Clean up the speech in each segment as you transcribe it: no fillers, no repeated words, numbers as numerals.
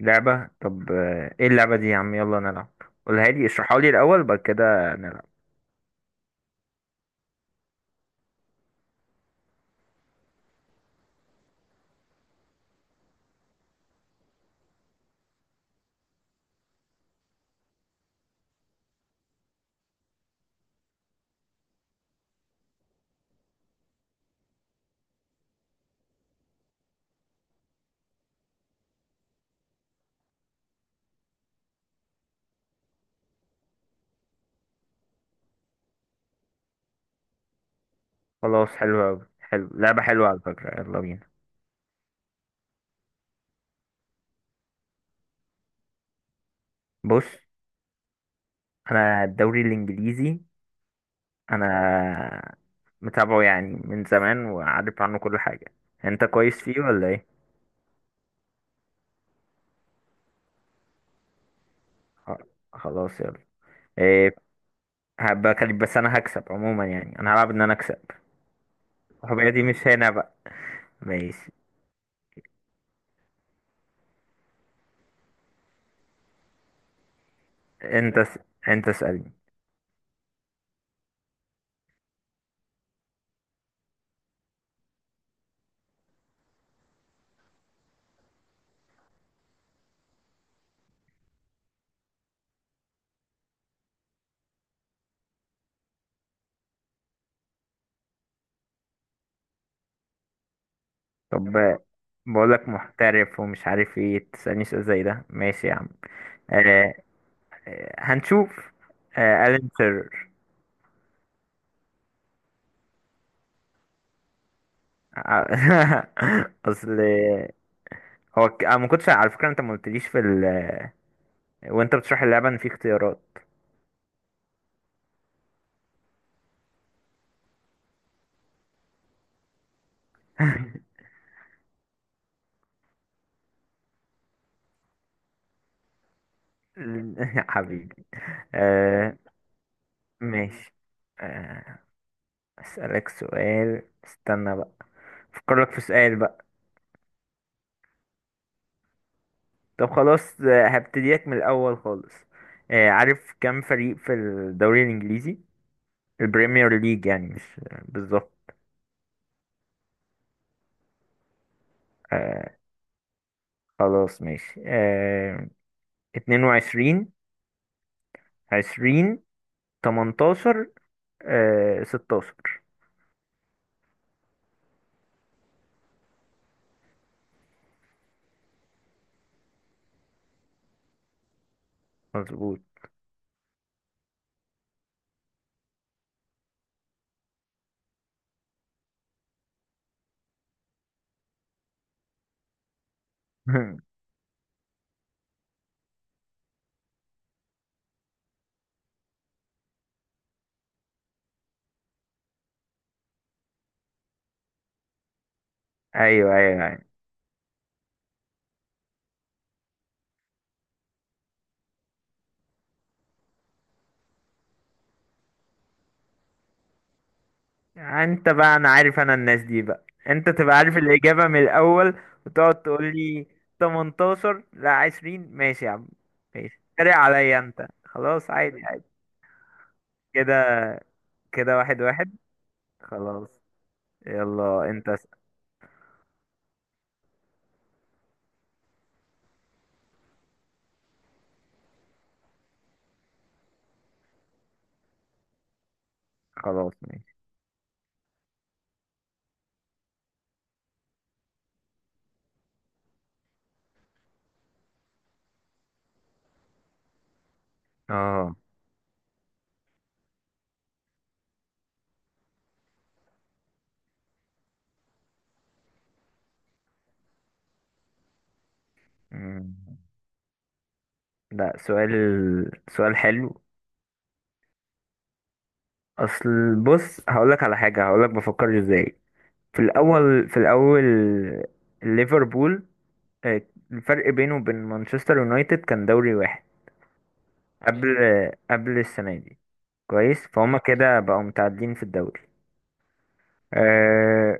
لعبة. طب ايه اللعبة دي يا عم؟ يلا نلعب. قولها لي، اشرحها لي الأول بعد كده نلعب. خلاص، حلو أوي، حلو، لعبة حلوة على فكرة، يلا بينا. بص، أنا الدوري الإنجليزي أنا متابعه يعني من زمان وعارف عنه كل حاجة. أنت كويس فيه ولا ايه؟ خ- خلاص يلا. إيه، هبقى كلب بس أنا هكسب عموما، يعني أنا هلعب إن أنا أكسب. الحبيبة دي مش هنا بقى. ماشي. أنت س... أنت اسألني. طب، بقولك محترف ومش عارف ايه تسألني سؤال زي ده، ماشي يا عم. آه. آه، هنشوف. آه، ألين تيرر. اصل انا ما كنتش على فكرة، انت ما قلتليش في وانت بتشرح اللعبة ان في اختيارات. حبيبي. آه ماشي آه، اسألك سؤال، استنى بقى افكرلك في سؤال بقى. طب خلاص، هبتديلك من الاول خالص. آه، عارف كم فريق في الدوري الانجليزي، البريمير ليج يعني، مش بالظبط؟ آه خلاص ماشي. آه، 22، 20، 18، آه 16. مظبوط. ايوه ايوه ايوه. انت بقى، انا عارف انا الناس دي بقى، انت تبقى عارف الاجابه من الاول وتقعد تقول لي 18 لا 20. ماشي يا عم، ماشي، تريق عليا انت، خلاص عادي عادي. كده كده واحد واحد. خلاص، يلا انت اسأل. خلاص ماشي اه. مم. لا سؤال، سؤال حلو. اصل بص هقولك على حاجه، هقولك بفكر ازاي. في الاول، ليفربول آه، الفرق بينه وبين مانشستر يونايتد كان دوري واحد قبل السنه دي، كويس؟ فهم كده بقوا متعادلين في الدوري. آه،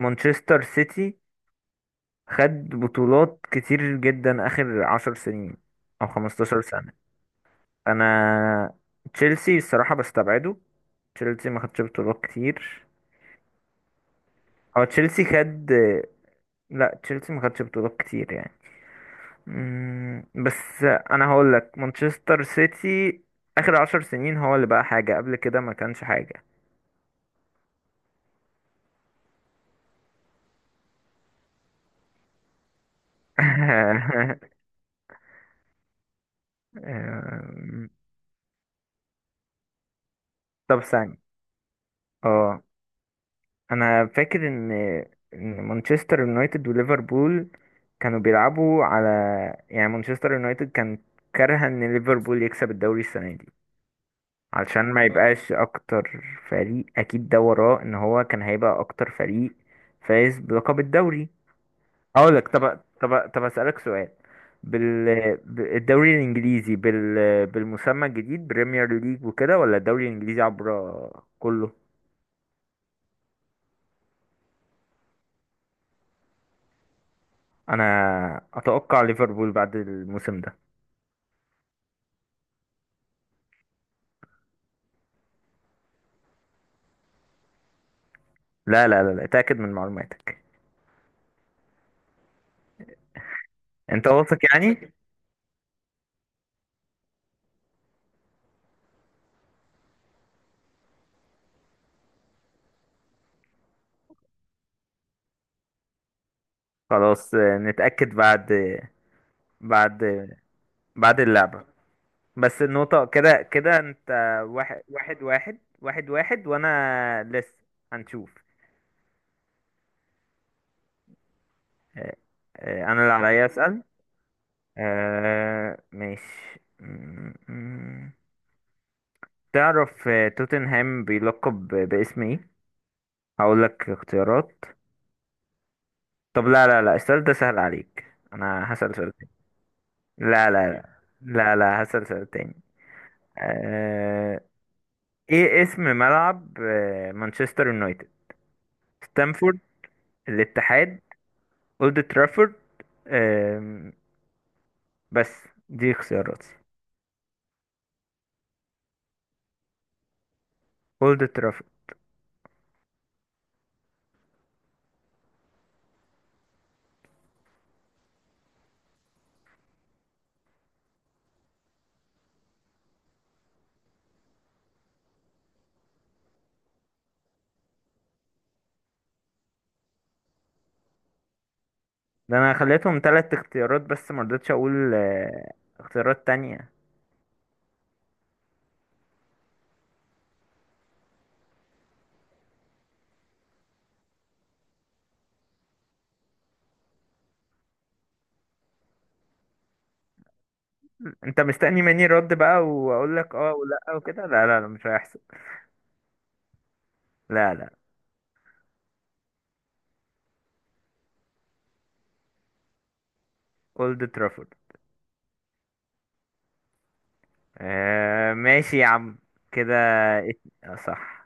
مانشستر سيتي خد بطولات كتير جدا اخر عشر سنين او خمستاشر سنه. انا تشيلسي الصراحه بستبعده، تشيلسي ما خدش بطولات كتير. هو تشيلسي خد، لا تشيلسي ما خدش بطولات كتير يعني. مم، بس انا هقول لك مانشستر سيتي. اخر عشر سنين هو اللي بقى حاجة، قبل كده ما كانش حاجة. أم، طب ثانية. اه، انا فاكر ان مانشستر يونايتد وليفربول كانوا بيلعبوا على، يعني مانشستر يونايتد كان كارهة ان ليفربول يكسب الدوري السنة دي علشان ما يبقاش اكتر فريق. اكيد ده وراه، ان هو كان هيبقى اكتر فريق فايز بلقب الدوري. اقول لك، طب اسالك سؤال، بالدوري الانجليزي، بالمسمى الجديد بريمير ليج وكده، ولا الدوري الانجليزي عبر كله؟ انا اتوقع ليفربول بعد الموسم ده. لا، اتاكد من معلوماتك، انت واثق يعني؟ خلاص آه، نتاكد بعد بعد بعد اللعبه. بس النقطة كده كده انت واحد، واحد واحد واحد واحد، وانا لسه. هنشوف. آه، آه، انا اللي عليا اسأل. آه، ماشي. تعرف آه، توتنهام بيلقب باسم ايه؟ هقول لك اختيارات. طب لا لا لا، السؤال ده سهل عليك، انا هسأل سؤال تاني. لا لا لا لا، لا هسأل سؤال تاني. آه، ايه اسم ملعب آه، مانشستر يونايتد؟ ستامفورد، الاتحاد، اولد ترافورد. آم، بس دي اختياراتي. اولد ترافورد. ده انا خليتهم ثلاث اختيارات بس، ما رضيتش اقول آه، اختيارات تانية. انت مستني مني رد بقى واقول لك اه ولا وكده؟ لا لا لا، مش هيحصل. لا لا، اولد ترافورد. آه ماشي يا عم، كده. آه، صح.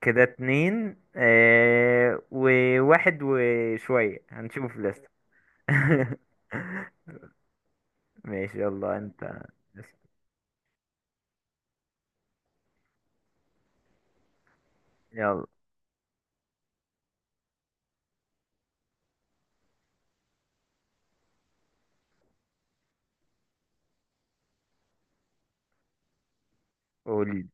كده اتنين آه وواحد وشوية، هنشوف لسه. ماشي يلا انت. يلا قولي.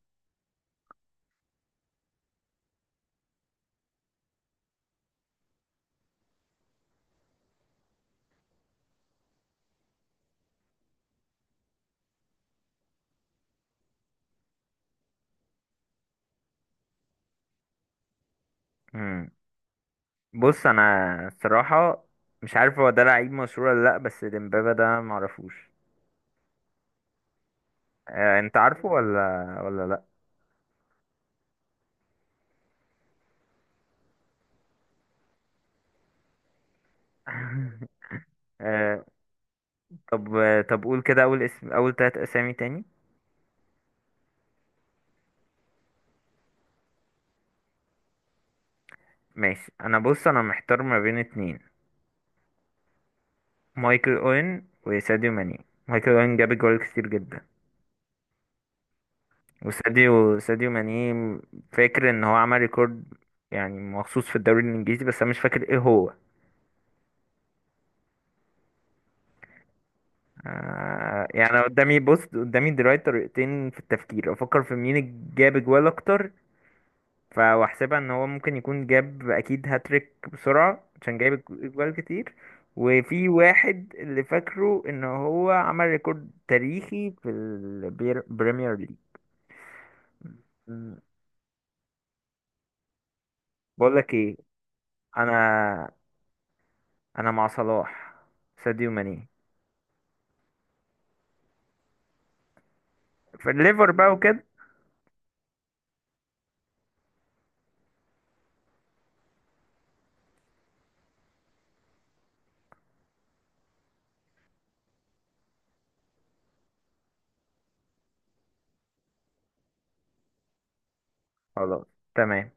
بص انا الصراحه مش عارف هو ده لعيب مشهور ولا لا، بس ديمبابا ده معرفوش. آه، انت عارفه ولا لا؟ آه. طب، طب قول كده اول اسم، اول تلات اسامي تاني. ماشي. انا بص انا محتار ما بين اتنين، مايكل اوين وساديو ماني. مايكل اوين جاب جوال كتير جدا. وساديو، ساديو ماني فاكر ان هو عمل ريكورد يعني مخصوص في الدوري الانجليزي، بس انا مش فاكر ايه هو. آه، يعني أنا قدامي، بص قدامي دلوقتي طريقتين في التفكير. افكر في مين جاب جوال اكتر، واحسبها ان هو ممكن يكون جاب اكيد هاتريك بسرعة عشان جايب جوال كتير. وفي واحد اللي فاكره ان هو عمل ريكورد تاريخي في البريمير ليج. مم. بقول لك ايه، انا انا مع صلاح، ساديو ماني، في الليفر بقى وكده. خلاص تمام.